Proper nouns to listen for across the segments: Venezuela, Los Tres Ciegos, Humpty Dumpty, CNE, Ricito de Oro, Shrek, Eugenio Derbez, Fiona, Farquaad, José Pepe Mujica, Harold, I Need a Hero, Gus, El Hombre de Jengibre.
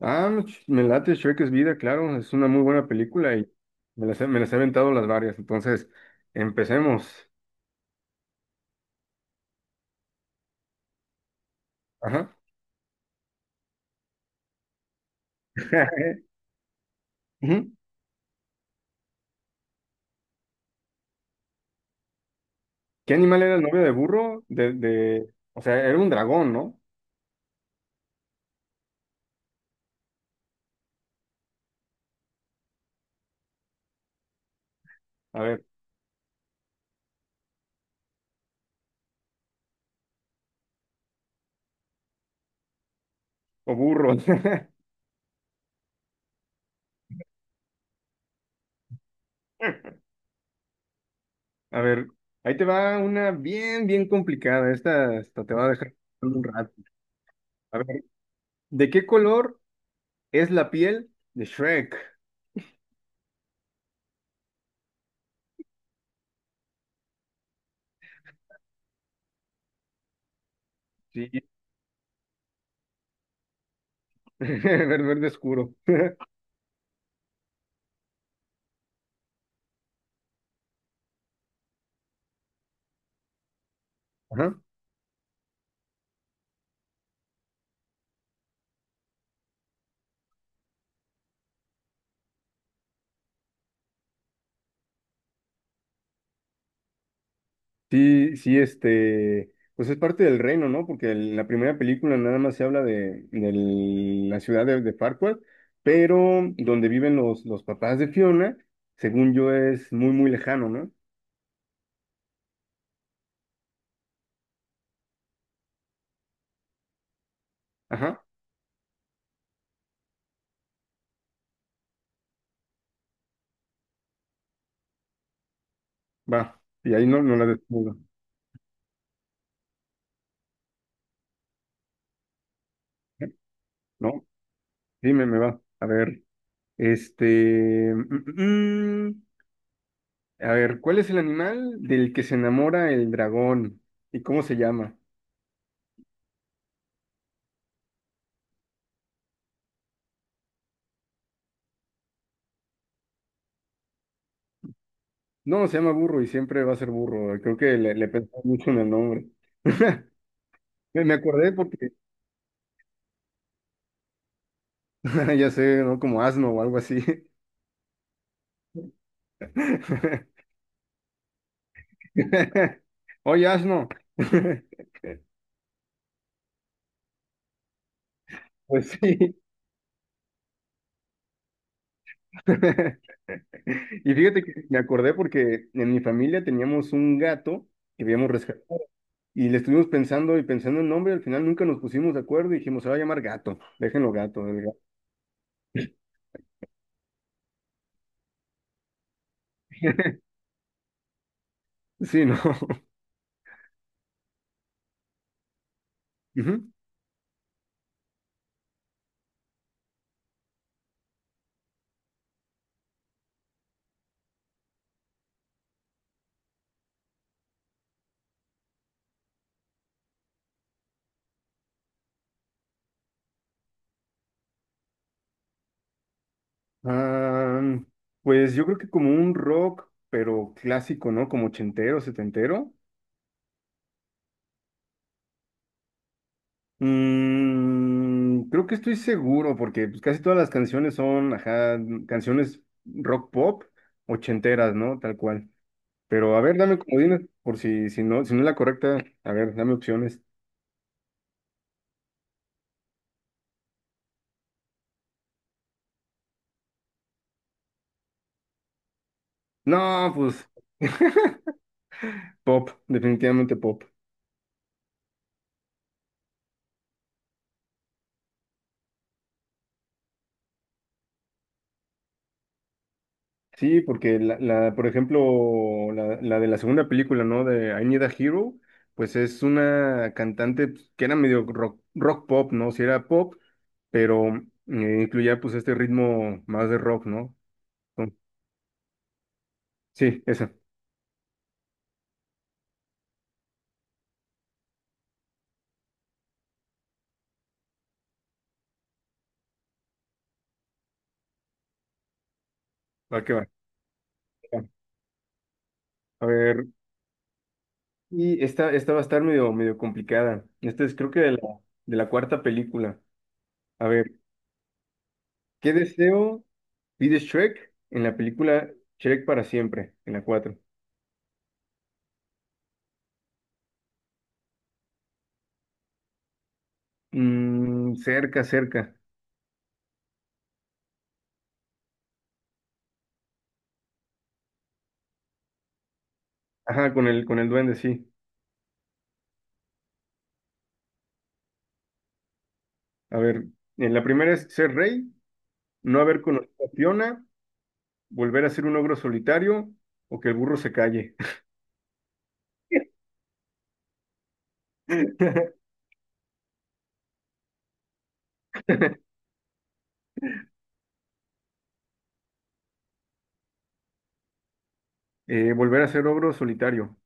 Ah, me late, Shrek es vida. Claro, es una muy buena película y me las he aventado las varias. Entonces empecemos. Ajá. Ujú. ¿Qué animal era el novio de burro? O sea, era un dragón, ¿no? A ver, o burro. A ver, ahí te va una bien, bien complicada. Esta te va a dejar pensando un rato. A ver, ¿de qué color es la piel de Shrek? Sí, verde oscuro. Ajá. Sí, sí, este, pues es parte del reino, ¿no? Porque en la primera película nada más se habla de, la ciudad de Farquaad, pero donde viven los papás de Fiona, según yo, es muy, muy lejano, ¿no? Ajá, va, y ahí no, no la descubro. ¿Eh? No, dime, me va. A ver, este, mm, mm. a ver, ¿cuál es el animal del que se enamora el dragón y cómo se llama? No, se llama burro y siempre va a ser burro. Creo que le pensé mucho en el nombre. Me acordé porque, ya sé, ¿no? Como asno o algo así. Oye, asno. Pues sí. Y fíjate que me acordé porque en mi familia teníamos un gato que habíamos rescatado y le estuvimos pensando y pensando el nombre. Al final nunca nos pusimos de acuerdo y dijimos, se va a llamar gato, déjenlo gato, el gato. Sí, ¿no? Ujú. Ah, pues yo creo que como un rock, pero clásico, ¿no? Como ochentero, setentero. Mm, creo que estoy seguro porque, pues, casi todas las canciones son, ajá, canciones rock pop ochenteras, ¿no? Tal cual. Pero a ver, dame comodines por si, si no, si no es la correcta. A ver, dame opciones. No, pues pop, definitivamente pop. Sí, porque por ejemplo, la de la segunda película, ¿no? De I Need a Hero, pues es una cantante, pues, que era medio rock, rock pop, ¿no? Si era pop, pero incluía pues este ritmo más de rock, ¿no? Con- Sí, esa. Va que va. A ver. Y esta va a estar medio, medio complicada. Esta es creo que de la cuarta película. A ver, ¿qué deseo pide Shrek en la película Shrek para siempre? En la cuatro. Mm, cerca, cerca. Ajá, con el duende, sí. A ver, en la primera es ser rey, no haber conocido a Fiona, volver a ser un ogro solitario o que el burro se calle. Volver a ser ogro solitario.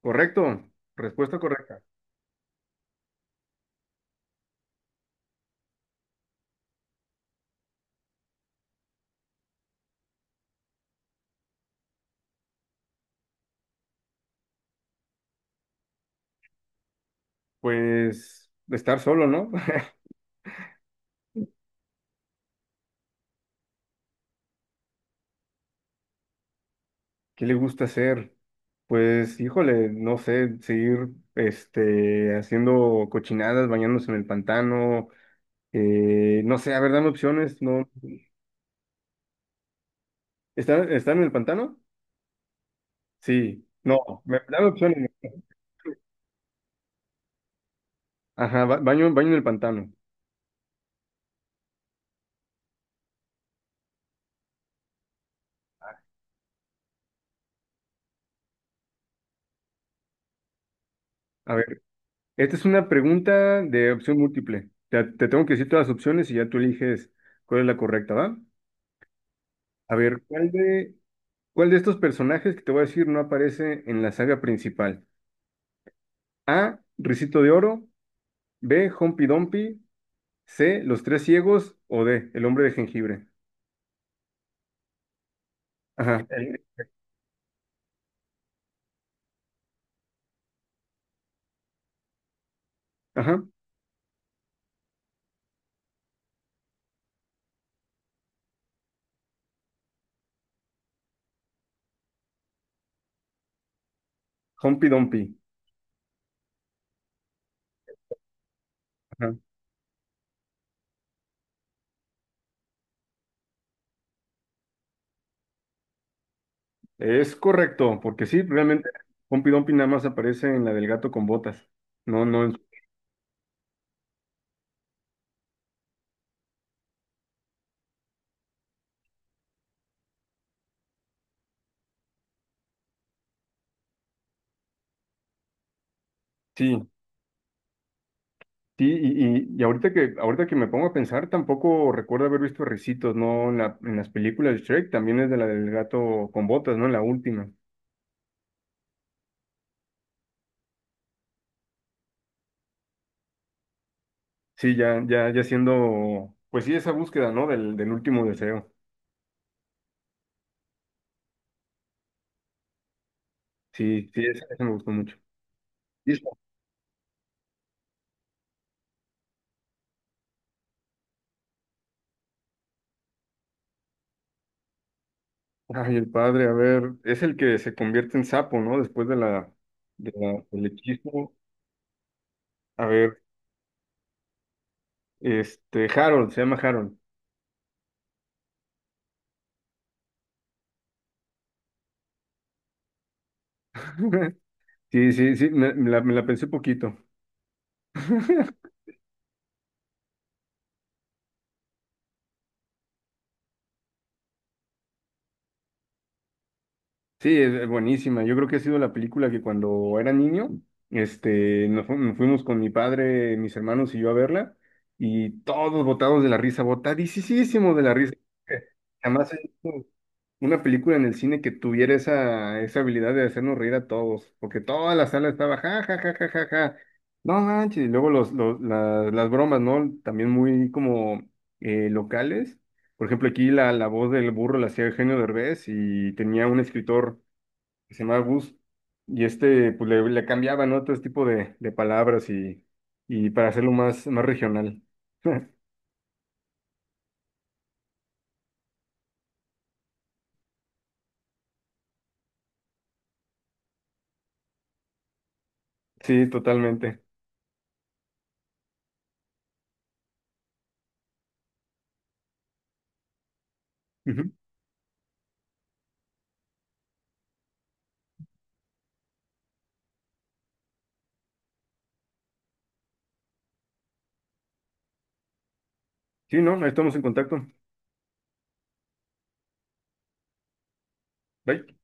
¿Correcto? Respuesta correcta. Pues estar solo, ¿no? ¿Qué le gusta hacer? Pues, híjole, no sé, seguir este, haciendo cochinadas, bañándose en el pantano, no sé, a ver, dame opciones, no. ¿Están, están en el pantano? Sí, no, dame opciones. Ajá, baño, baño en el pantano. A ver, esta es una pregunta de opción múltiple. Te tengo que decir todas las opciones y ya tú eliges cuál es la correcta, ¿va? A ver, ¿cuál de, ¿Cuál de estos personajes que te voy a decir no aparece en la saga principal? A. Ricito de Oro. B. Humpty Dumpty. C. Los Tres Ciegos. O D. El Hombre de Jengibre. Ajá. Ajá. Humpty Dumpty. Ajá. Es correcto, porque sí, realmente Humpty Dumpty nada más aparece en la del gato con botas. No, no. en- Sí, sí. Y, y ahorita que me pongo a pensar, tampoco recuerdo haber visto a Ricitos, ¿no? En las películas de Shrek, también es de la del gato con botas, ¿no? En la última. Sí, ya, ya, ya siendo, pues sí, esa búsqueda, ¿no? Del, del último deseo. Sí, sí, esa me gustó mucho. Listo. Ay, el padre, a ver, es el que se convierte en sapo, ¿no? Después de la, del hechizo. A ver, este, Harold, se llama Harold. Sí, sí, sí, me la pensé poquito. Sí, es buenísima. Yo creo que ha sido la película que cuando era niño, este, nos fuimos con mi padre, mis hermanos y yo a verla, y todos botados de la risa, botadísimos de la risa. Jamás he visto una película en el cine que tuviera esa, esa habilidad de hacernos reír a todos, porque toda la sala estaba ja, ja, ja, ja, ja, ja. No manches, y luego las bromas, ¿no? También muy como locales. Por ejemplo, aquí la, la voz del burro la hacía Eugenio Derbez y tenía un escritor que se llamaba Gus, y este pues le cambiaba, ¿no? Todo este tipo de palabras y para hacerlo más, más regional. Sí, totalmente. Ujú. Sí, no, ahí estamos en contacto. Bye.